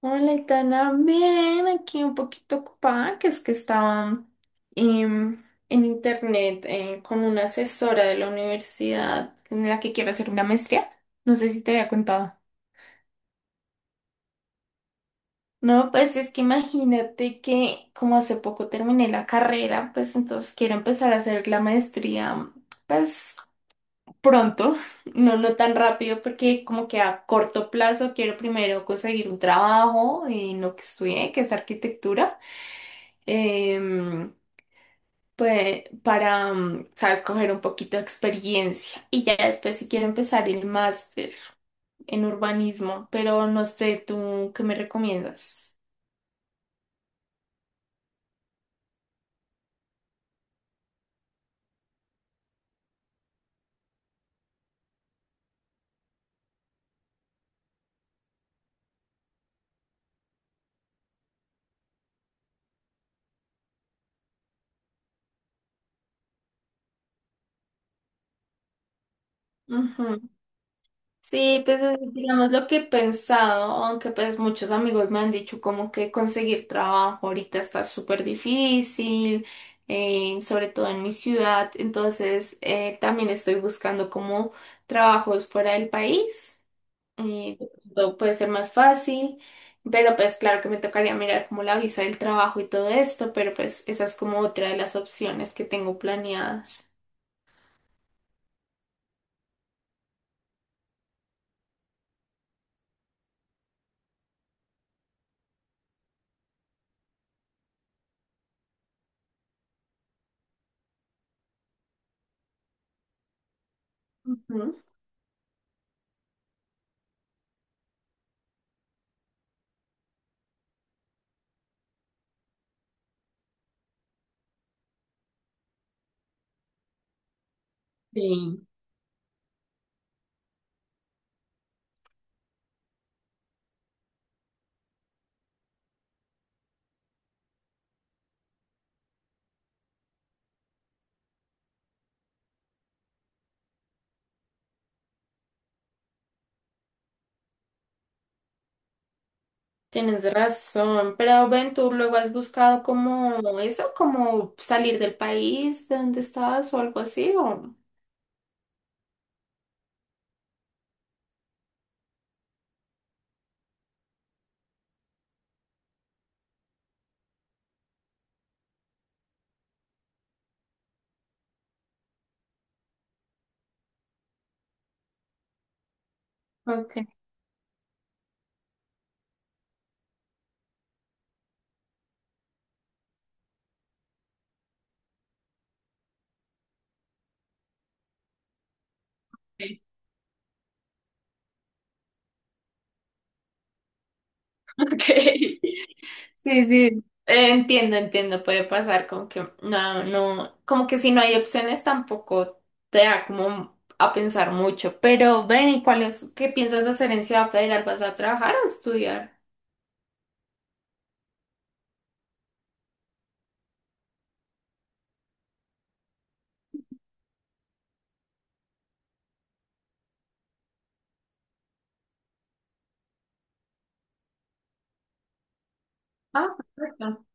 Hola, Itana. Bien, aquí un poquito ocupada, que es que estaba en internet, con una asesora de la universidad en la que quiero hacer una maestría. No sé si te había contado. No, pues es que imagínate que como hace poco terminé la carrera, pues entonces quiero empezar a hacer la maestría, pues pronto. No, no tan rápido, porque como que a corto plazo quiero primero conseguir un trabajo en lo que estudié, que es arquitectura. em, pues, para, sabes, coger un poquito de experiencia. Y ya después si quiero empezar el máster en urbanismo, pero no sé, ¿tú qué me recomiendas? Ujú. Sí, pues es, digamos lo que he pensado, aunque pues muchos amigos me han dicho como que conseguir trabajo ahorita está súper difícil, sobre todo en mi ciudad, entonces también estoy buscando como trabajos fuera del país. eh, Todo puede ser más fácil, pero pues claro que me tocaría mirar como la visa del trabajo y todo esto, pero pues esa es como otra de las opciones que tengo planeadas. Ujú. Sí. Tienes razón, pero ven, tú luego has buscado como eso, como salir del país de donde estabas o algo así, o... Ok. Ok. Sí, sí. Entiendo, entiendo, puede pasar como que no, no, como que si no hay opciones tampoco te da como a pensar mucho. Pero ven, ¿y cuál es, qué piensas hacer en Ciudad Federal? ¿Vas a trabajar o estudiar? Ah, perfecto.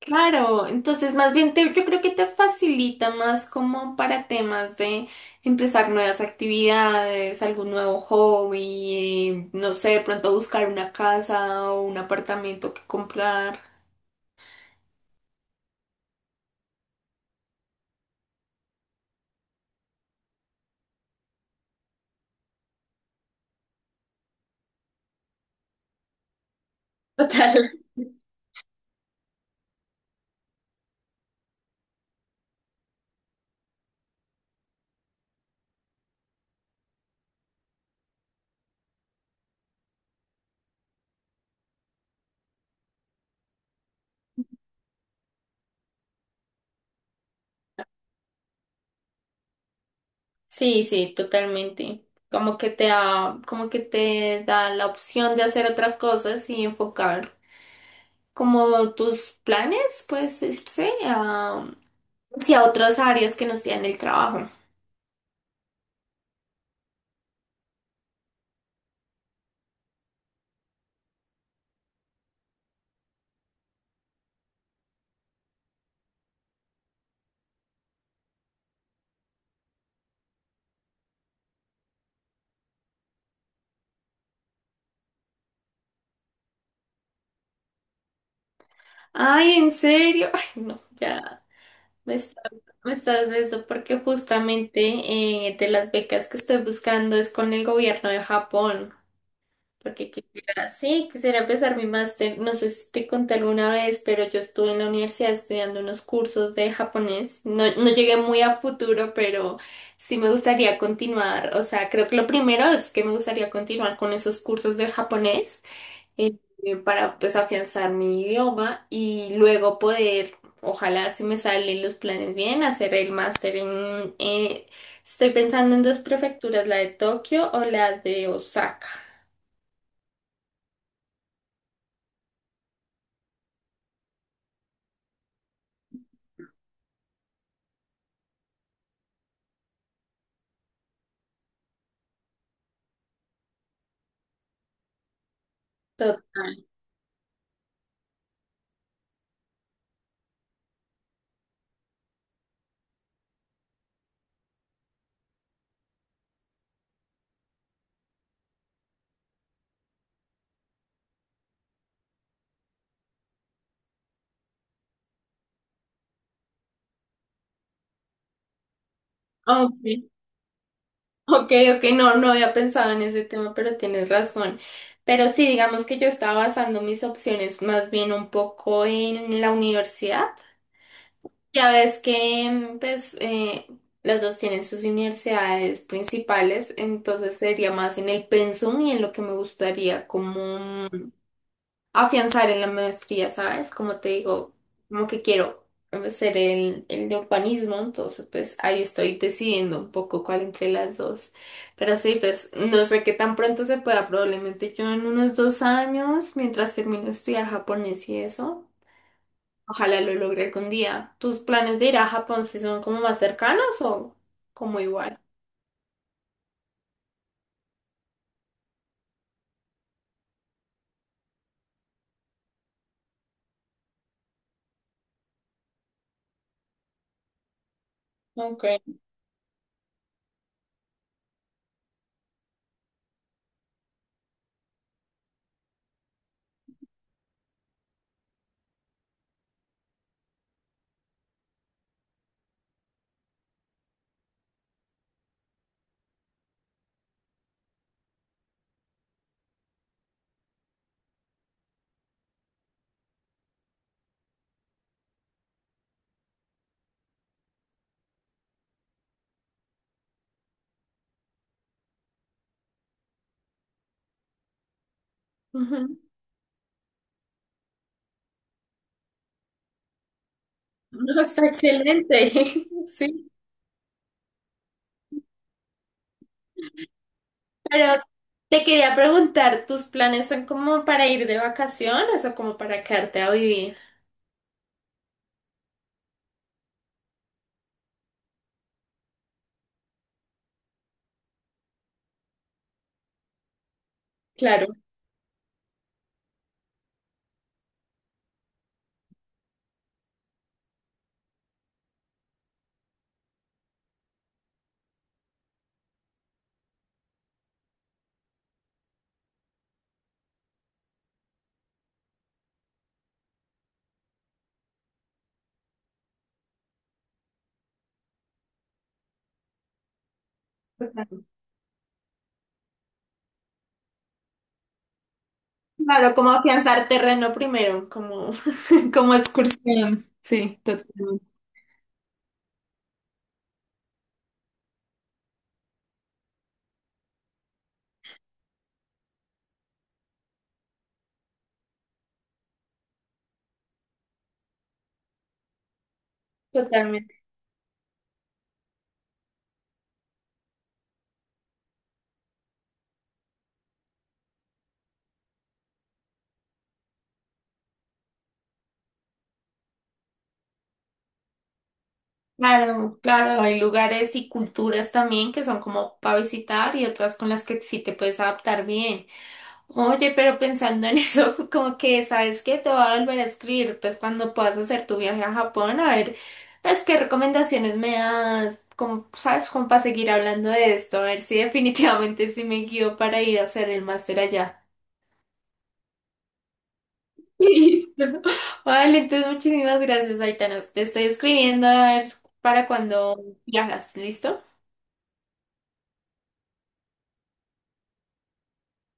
Claro, entonces más bien yo creo que te facilita más como para temas de empezar nuevas actividades, algún nuevo hobby, no sé, de pronto buscar una casa o un apartamento que comprar. Total. Sí, sí, totalmente. Como que te da, como que te da la opción de hacer otras cosas y enfocar como tus planes, pues, este, a, hacia otras áreas que no sean el trabajo. Ay, ¿en serio? Ay, no, ya me estás, me estás de eso porque justamente de las becas que estoy buscando es con el gobierno de Japón. Porque quisiera, sí, quisiera empezar mi máster. No sé si te conté alguna vez, pero yo estuve en la universidad estudiando unos cursos de japonés. No, no llegué muy a futuro, pero sí me gustaría continuar. O sea, creo que lo primero es que me gustaría continuar con esos cursos de japonés, eh, para pues afianzar mi idioma y luego poder, ojalá si me salen los planes bien, hacer el máster en... Estoy pensando en dos prefecturas, la de Tokio o la de Osaka. Ok, ok, ok, no, no había pensado en ese tema, pero tienes razón. Pero sí, digamos que yo estaba basando mis opciones más bien un poco en la universidad. Ya ves que, pues, las dos tienen sus universidades principales, entonces sería más en el pensum y en lo que me gustaría como afianzar en la maestría, ¿sabes? Como te digo, como que quiero hacer el de urbanismo, entonces pues ahí estoy decidiendo un poco cuál entre las dos. Pero sí, pues no sé qué tan pronto se pueda, probablemente yo en unos 2 años, mientras termino de estudiar japonés y eso, ojalá lo logre algún día. ¿Tus planes de ir a Japón si son como más cercanos o como igual? Ok. Ujú. No, está excelente. Sí. Pero te quería preguntar, ¿tus planes son como para ir de vacaciones o como para quedarte a vivir? Claro. Claro, como afianzar terreno primero, como, como excursión. Sí, totalmente. Totalmente. Claro, claro, hay lugares y culturas también que son como para visitar y otras con las que sí te puedes adaptar bien. Oye, pero pensando en eso, como que, ¿sabes qué? Te voy a volver a escribir, pues cuando puedas hacer tu viaje a Japón, a ver, pues qué recomendaciones me das, como, ¿sabes? Como para seguir hablando de esto, a ver si definitivamente sí me guío para ir a hacer el máster allá. Listo. Vale, entonces muchísimas gracias, Aitana. Te estoy escribiendo a ver para cuando viajas, ¿listo?